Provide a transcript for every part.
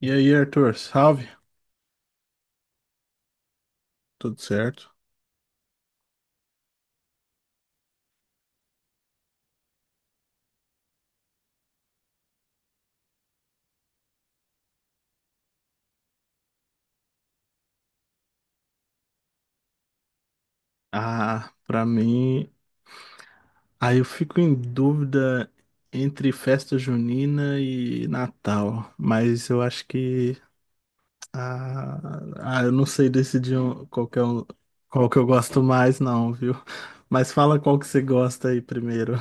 E aí, Arthur, salve? Tudo certo? Pra mim, aí eu fico em dúvida entre festa junina e Natal, mas eu acho que eu não sei decidir qual que é um, qual que eu gosto mais, não, viu? Mas fala qual que você gosta aí primeiro.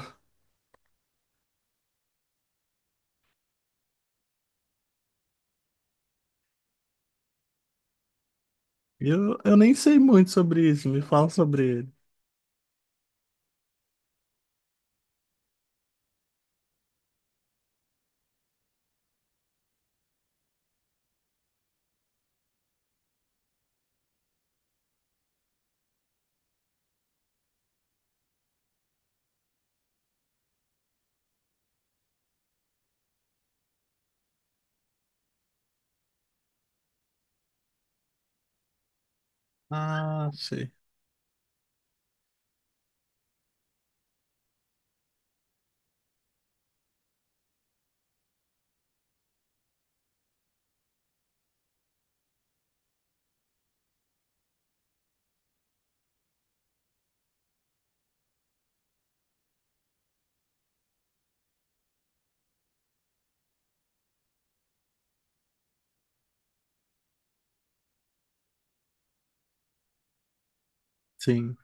Eu nem sei muito sobre isso, me fala sobre ele. Ah, sei. Sim.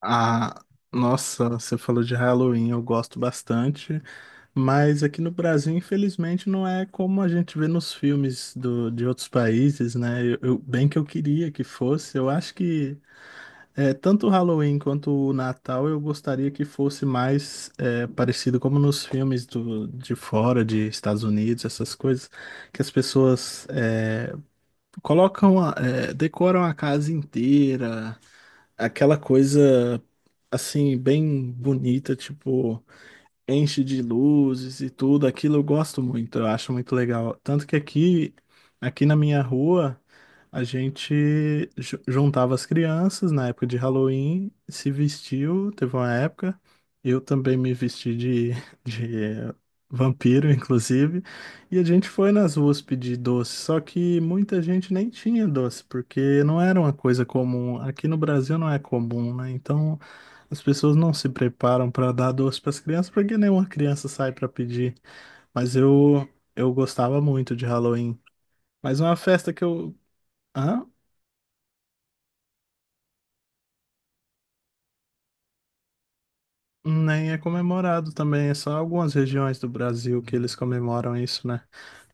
Ah, nossa, você falou de Halloween, eu gosto bastante, mas aqui no Brasil, infelizmente, não é como a gente vê nos filmes de outros países, né? Bem que eu queria que fosse, eu acho que é, tanto o Halloween quanto o Natal eu gostaria que fosse mais é, parecido como nos filmes de fora, de Estados Unidos, essas coisas, que as pessoas é, colocam, é, decoram a casa inteira aquela coisa assim, bem bonita, tipo enche de luzes e tudo, aquilo eu gosto muito, eu acho muito legal. Tanto que aqui, aqui na minha rua, a gente juntava as crianças na época de Halloween, se vestiu, teve uma época, eu também me vesti de, de vampiro, inclusive, e a gente foi nas ruas pedir doce, só que muita gente nem tinha doce, porque não era uma coisa comum, aqui no Brasil não é comum, né? Então as pessoas não se preparam para dar doce para as crianças porque nenhuma criança sai para pedir. Mas eu gostava muito de Halloween. Mas uma festa que eu... Hã? Nem é comemorado também, é só algumas regiões do Brasil que eles comemoram isso, né?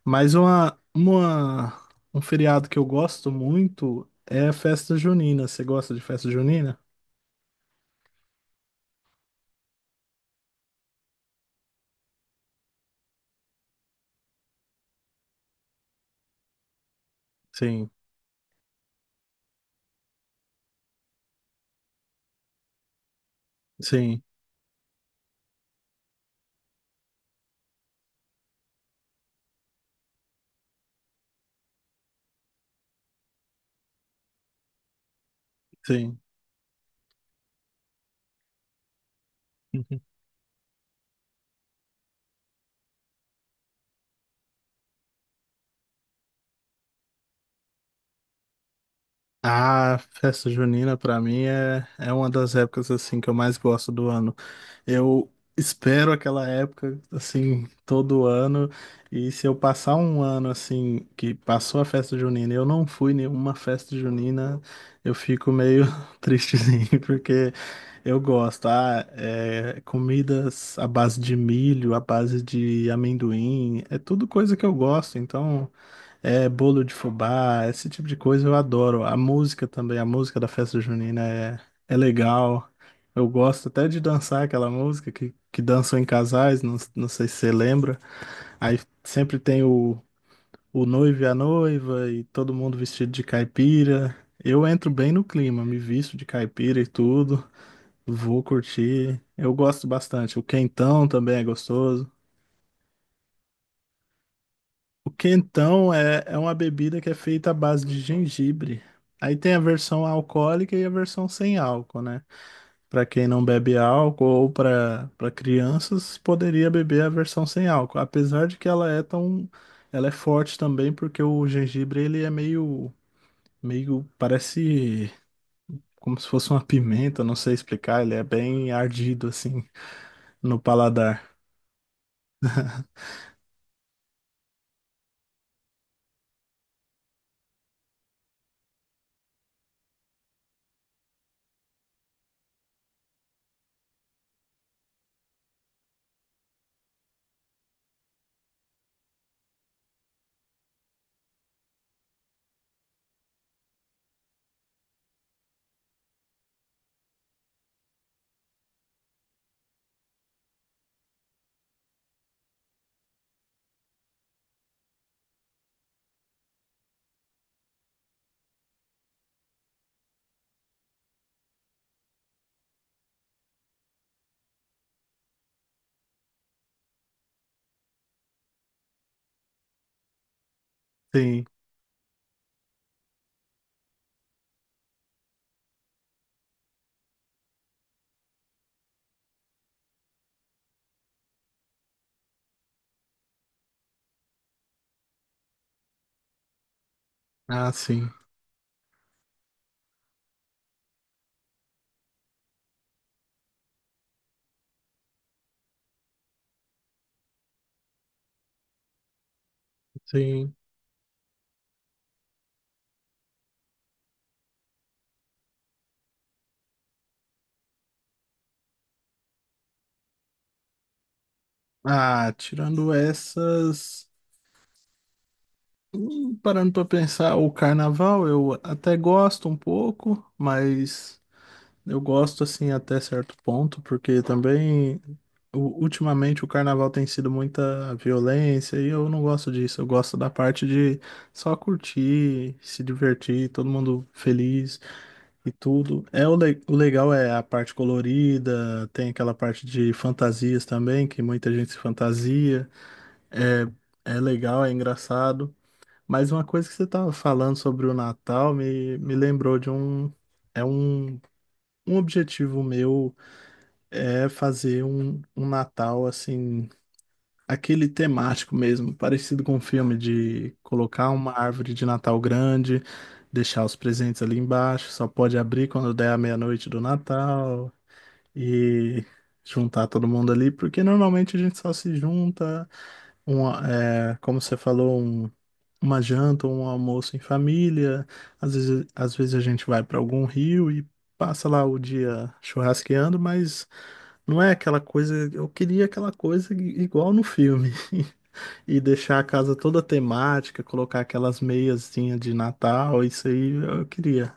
Mas uma Um feriado que eu gosto muito é a festa junina. Você gosta de festa junina? Sim, sim, sim. Ah, festa junina pra mim é, é uma das épocas assim que eu mais gosto do ano. Eu espero aquela época assim todo ano e se eu passar um ano assim que passou a festa junina e eu não fui em nenhuma festa junina, eu fico meio tristezinho porque eu gosto. Ah, é, comidas à base de milho, à base de amendoim, é tudo coisa que eu gosto, então é, bolo de fubá, esse tipo de coisa eu adoro. A música também, a música da festa junina é, é legal. Eu gosto até de dançar aquela música que dançam em casais, não, não sei se você lembra. Aí sempre tem o noivo e a noiva e todo mundo vestido de caipira. Eu entro bem no clima, me visto de caipira e tudo, vou curtir. Eu gosto bastante. O quentão também é gostoso. O quentão é, é uma bebida que é feita à base de gengibre. Aí tem a versão alcoólica e a versão sem álcool, né? Para quem não bebe álcool ou para crianças, poderia beber a versão sem álcool, apesar de que ela é tão ela é forte também porque o gengibre ele é meio meio parece como se fosse uma pimenta, não sei explicar, ele é bem ardido assim no paladar. Sim. Ah, sim. Sim. Ah, tirando essas... parando para pensar, o carnaval eu até gosto um pouco, mas eu gosto assim até certo ponto, porque também ultimamente o carnaval tem sido muita violência e eu não gosto disso. Eu gosto da parte de só curtir, se divertir, todo mundo feliz e tudo. É o legal é a parte colorida, tem aquela parte de fantasias também, que muita gente se fantasia. É, é legal, é engraçado. Mas uma coisa que você estava falando sobre o Natal me lembrou de um, é um, um objetivo meu é fazer um, um Natal assim, aquele temático mesmo, parecido com um filme de colocar uma árvore de Natal grande, deixar os presentes ali embaixo, só pode abrir quando der a meia-noite do Natal e juntar todo mundo ali, porque normalmente a gente só se junta uma, é, como você falou, um, uma janta ou um almoço em família. Às vezes a gente vai para algum rio e passa lá o dia churrasqueando, mas não é aquela coisa. Eu queria aquela coisa igual no filme. E deixar a casa toda temática, colocar aquelas meiazinhas de Natal, isso aí eu queria.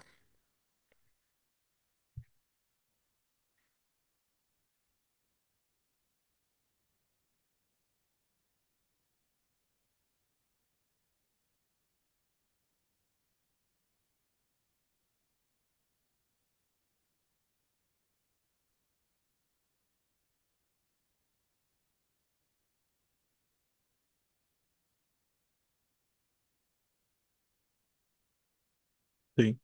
Sim.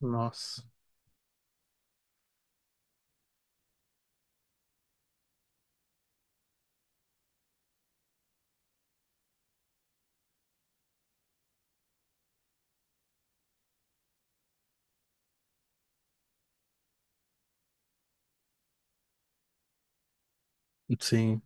Nossa. Sim,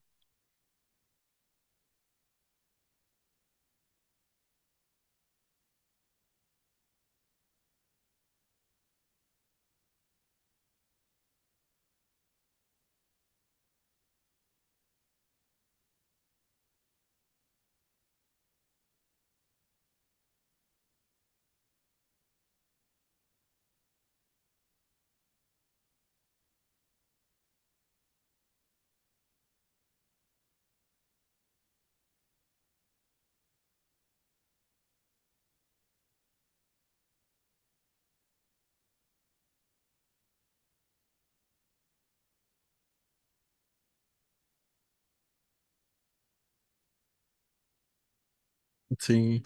sim.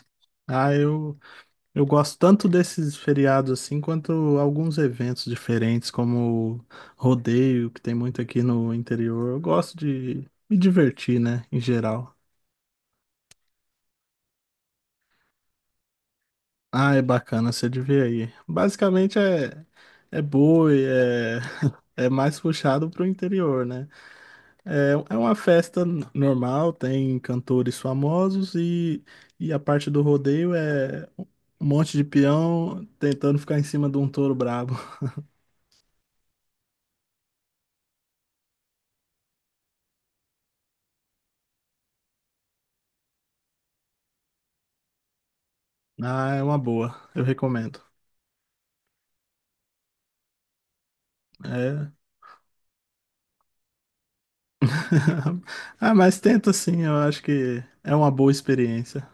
Ah, eu... Eu gosto tanto desses feriados assim, quanto alguns eventos diferentes, como o rodeio, que tem muito aqui no interior. Eu gosto de me divertir, né, em geral. Ah, é bacana, você de ver aí. Basicamente é, é boi, é, é mais puxado pro interior, né? É, é uma festa normal, tem cantores famosos e a parte do rodeio é um monte de peão tentando ficar em cima de um touro brabo. Ah, é uma boa. Eu recomendo. É. Ah, mas tenta sim, eu acho que é uma boa experiência.